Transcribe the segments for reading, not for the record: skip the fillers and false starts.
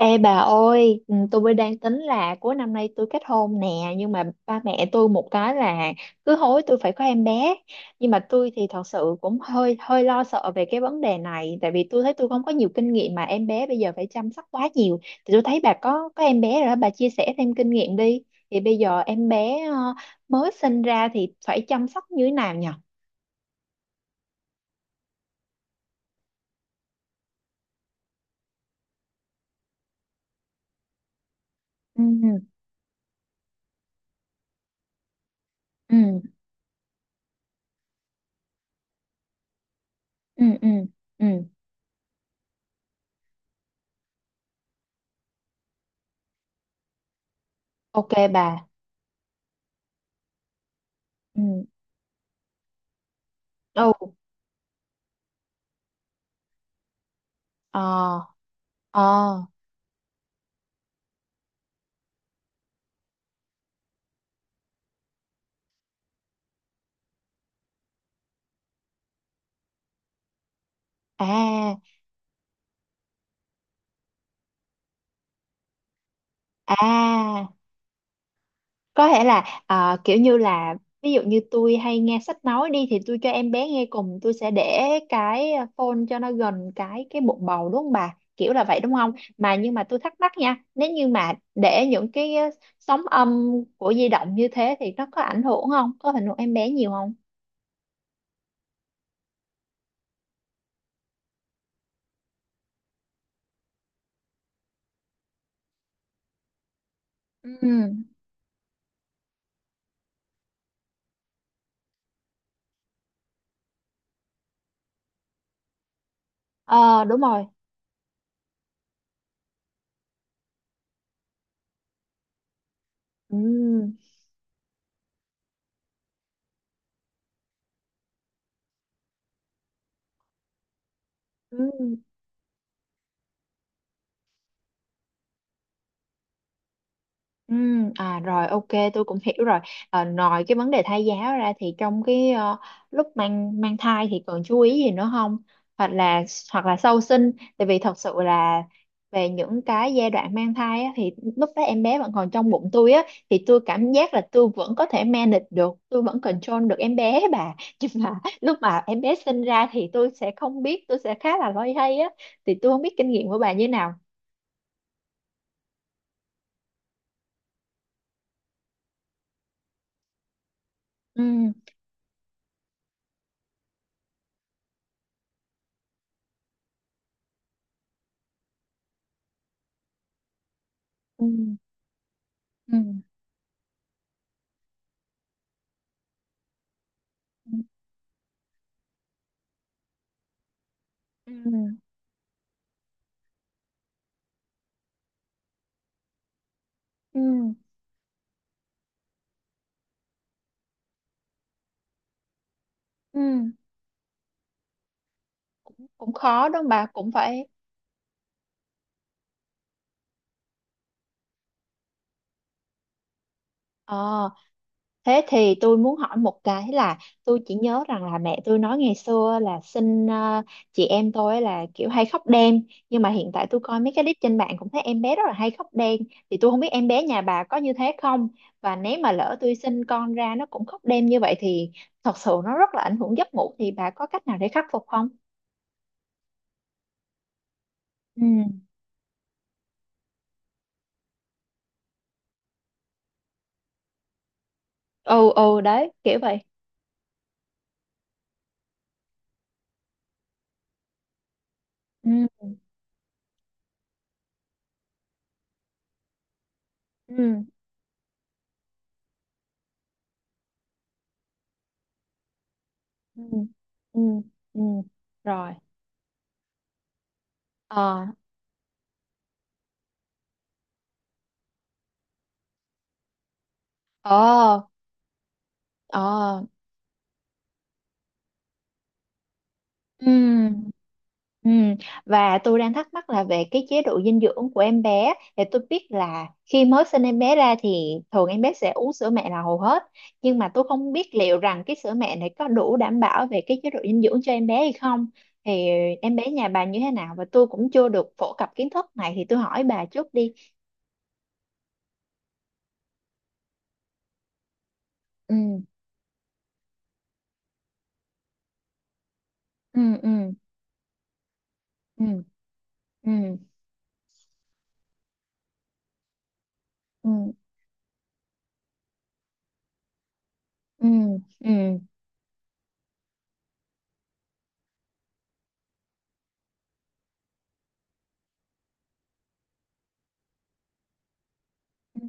Ê bà ơi, ừ, tôi mới đang tính là cuối năm nay tôi kết hôn nè, nhưng mà ba mẹ tôi một cái là cứ hối tôi phải có em bé. Nhưng mà tôi thì thật sự cũng hơi hơi lo sợ về cái vấn đề này, tại vì tôi thấy tôi không có nhiều kinh nghiệm mà em bé bây giờ phải chăm sóc quá nhiều. Thì tôi thấy bà có em bé rồi, đó, bà chia sẻ thêm kinh nghiệm đi. Thì bây giờ em bé mới sinh ra thì phải chăm sóc như thế nào nhỉ? Ừ, ừ, ừ, ừ, ừ, ok bà. Ừ, ừ, ờ, ờ. À, à, có thể là kiểu như là ví dụ như tôi hay nghe sách nói đi thì tôi cho em bé nghe cùng tôi sẽ để cái phone cho nó gần cái bụng bầu đúng không bà? Kiểu là vậy đúng không? Mà nhưng mà tôi thắc mắc nha, nếu như mà để những cái sóng âm của di động như thế thì nó có ảnh hưởng không? Có ảnh hưởng em bé nhiều không? Ừ, ờ đúng rồi. Ừ. Ừ. Ừ, à rồi ok, tôi cũng hiểu rồi. À, ngoài cái vấn đề thai giáo ra thì trong cái lúc mang mang thai thì còn chú ý gì nữa không, hoặc là hoặc là sau sinh, tại vì thật sự là về những cái giai đoạn mang thai á, thì lúc đó em bé vẫn còn trong bụng tôi á, thì tôi cảm giác là tôi vẫn có thể manage được, tôi vẫn control được em bé bà nhưng mà lúc mà em bé sinh ra thì tôi sẽ không biết, tôi sẽ khá là loay hoay á, thì tôi không biết kinh nghiệm của bà như thế nào. Ừ, ừ, ừ, ừ. Ừ. Ừ, ừ, cũng khó đó bà, cũng phải. Ờ, thế thì tôi muốn hỏi một cái là tôi chỉ nhớ rằng là mẹ tôi nói ngày xưa là sinh chị em tôi là kiểu hay khóc đêm, nhưng mà hiện tại tôi coi mấy cái clip trên mạng cũng thấy em bé rất là hay khóc đêm, thì tôi không biết em bé nhà bà có như thế không, và nếu mà lỡ tôi sinh con ra nó cũng khóc đêm như vậy thì thật sự nó rất là ảnh hưởng giấc ngủ, thì bà có cách nào để khắc phục không? Ừ. Ừ, ừ, đấy kiểu vậy. Ừ, ừ, ừ, ừ, ừ, rồi, ờ, ờ, ờ, ừ, ừ, và tôi đang thắc mắc là về cái chế độ dinh dưỡng của em bé. Thì tôi biết là khi mới sinh em bé ra thì thường em bé sẽ uống sữa mẹ là hầu hết, nhưng mà tôi không biết liệu rằng cái sữa mẹ này có đủ đảm bảo về cái chế độ dinh dưỡng cho em bé hay không, thì em bé nhà bà như thế nào, và tôi cũng chưa được phổ cập kiến thức này thì tôi hỏi bà trước đi. Ừ, ừ, ừ, ừ, ừ, ừ, ừ, ừ, ừ,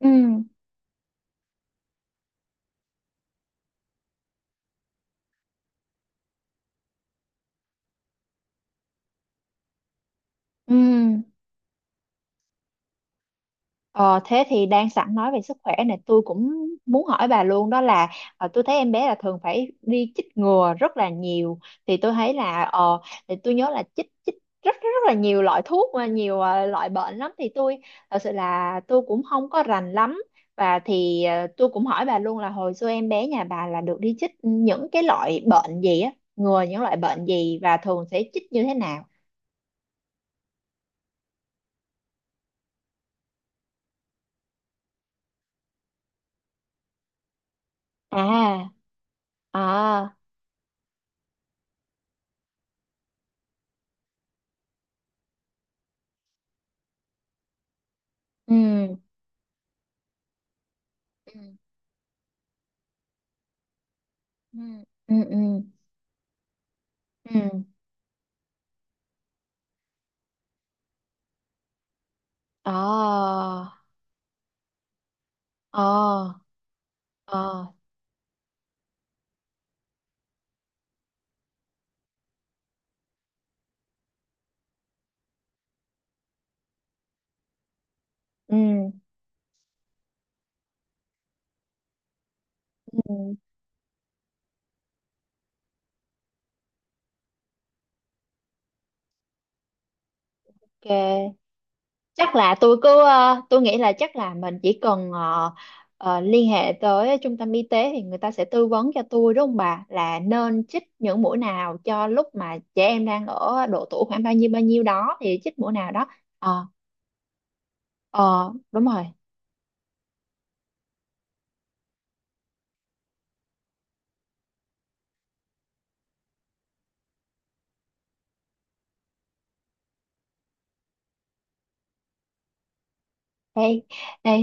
ừ, ừ. Ờ, thế thì đang sẵn nói về sức khỏe này, tôi cũng muốn hỏi bà luôn đó là tôi thấy em bé là thường phải đi chích ngừa rất là nhiều. Thì tôi thấy là ờ, thì tôi nhớ là chích chích rất rất là nhiều loại thuốc và nhiều loại bệnh lắm, thì tôi thật sự là tôi cũng không có rành lắm, và thì tôi cũng hỏi bà luôn là hồi xưa em bé nhà bà là được đi chích những cái loại bệnh gì á, ngừa những loại bệnh gì và thường sẽ chích như thế nào. À, à, ừ, ừ, ừ, ừ, ừ, ờ, ờ, ờ, ừ, ừ. Ok, chắc là tôi cứ tôi nghĩ là chắc là mình chỉ cần ờ, liên hệ tới trung tâm y tế thì người ta sẽ tư vấn cho tôi đúng không bà, là nên chích những mũi nào cho lúc mà trẻ em đang ở độ tuổi khoảng bao nhiêu đó thì chích mũi nào đó. Ờ, ờ, đúng rồi. Ê, ê,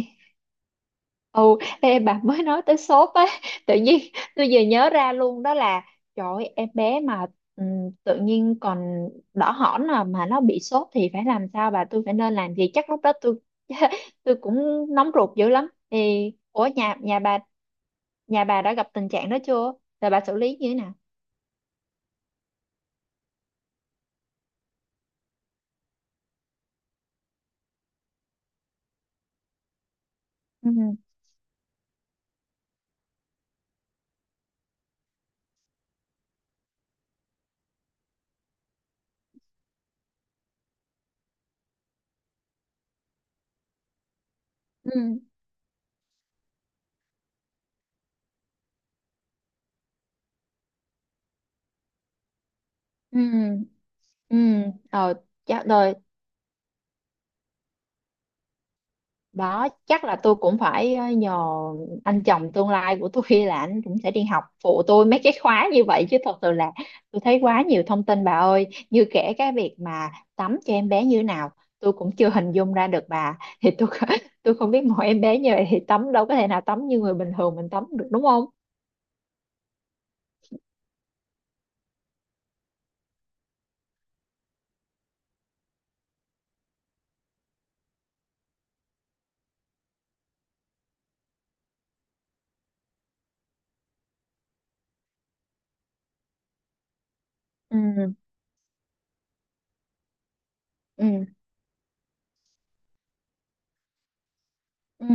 ồ, ê bà mới nói tới sốt á, tự nhiên tôi vừa nhớ ra luôn đó là trời ơi, em bé mà ừm, tự nhiên còn đỏ hỏn à, mà nó bị sốt thì phải làm sao bà, tôi phải nên làm gì, chắc lúc đó tôi tôi cũng nóng ruột dữ lắm. Thì ủa nhà nhà bà đã gặp tình trạng đó chưa, rồi bà xử lý như thế nào? Ừ. Ừ, ừ, ừ, ờ, chắc rồi. Đó, chắc là tôi cũng phải nhờ anh chồng tương lai của tôi là anh cũng sẽ đi học phụ tôi mấy cái khóa như vậy, chứ thật sự là tôi thấy quá nhiều thông tin bà ơi, như kể cái việc mà tắm cho em bé như thế nào tôi cũng chưa hình dung ra được bà, thì tôi tôi không biết mỗi em bé như vậy thì tắm đâu có thể nào tắm như người bình thường mình tắm được đúng không. Ừ, ừ, ừ,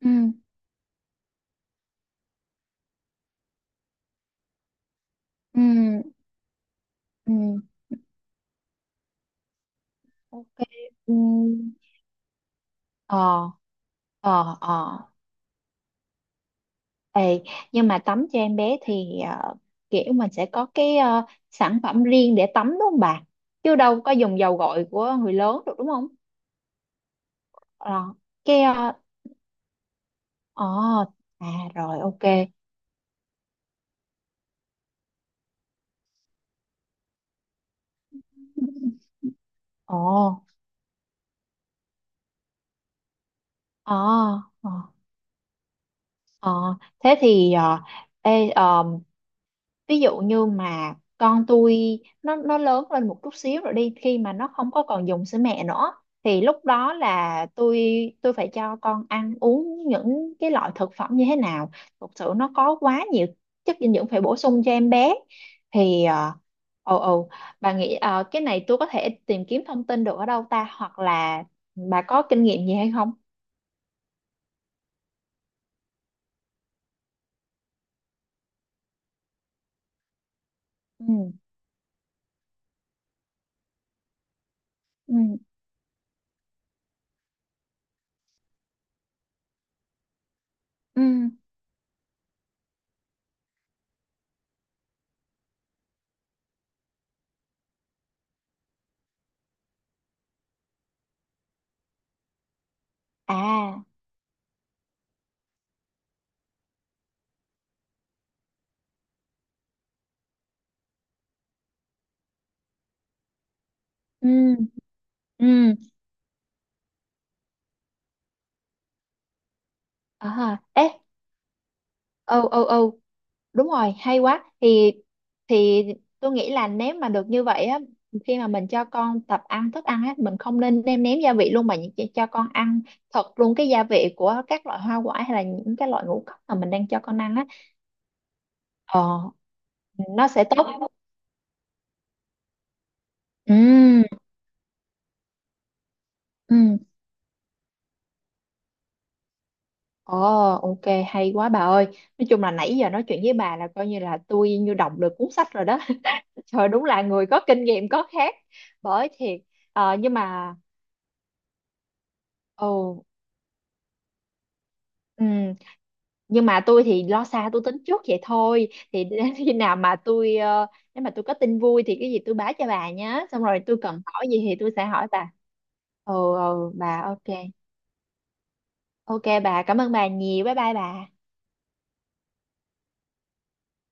ừ, ừ, ừ, ok, ừ. Ờ, ờ, ờ. Ê, nhưng mà tắm cho em bé thì kiểu mình sẽ có cái sản phẩm riêng để tắm đúng không bà? Chứ đâu có dùng dầu gội của người lớn được đúng không? Ờ, cái ờ, ờ, à rồi ok. Ồ, ờ, ờ, ờ. Thế thì ờ, ê, ví dụ như mà con tôi nó lớn lên một chút xíu rồi đi, khi mà nó không có còn dùng sữa mẹ nữa thì lúc đó là tôi phải cho con ăn uống những cái loại thực phẩm như thế nào, thực sự nó có quá nhiều chất dinh dưỡng phải bổ sung cho em bé, thì ờ, ồ, ồ, bà nghĩ cái này tôi có thể tìm kiếm thông tin được ở đâu ta, hoặc là bà có kinh nghiệm gì hay không? Ừ, ừ, ừ, à, ừ, ừ, à, ê, ừ, ừ, ừ, đúng rồi, hay quá. Thì tôi nghĩ là nếu mà được như vậy á, khi mà mình cho con tập ăn thức ăn á, mình không nên nêm nếm gia vị luôn, mà chỉ cho con ăn thật luôn cái gia vị của các loại hoa quả hay là những cái loại ngũ cốc mà mình đang cho con ăn á. Ờ, nó sẽ tốt. Ừ, ừ, ờ, ok, hay quá bà ơi, nói chung là nãy giờ nói chuyện với bà là coi như là tôi như đọc được cuốn sách rồi đó. Trời, đúng là người có kinh nghiệm có khác, bởi thiệt. Ờ, nhưng mà, ừ. Ừ. Nhưng mà tôi thì lo xa tôi tính trước vậy thôi, thì đến khi nào mà tôi nếu mà tôi có tin vui thì cái gì tôi báo cho bà nhé, xong rồi tôi cần hỏi gì thì tôi sẽ hỏi bà. Ừ, ừ, bà ok. Ok bà, cảm ơn bà nhiều, bye bye bà.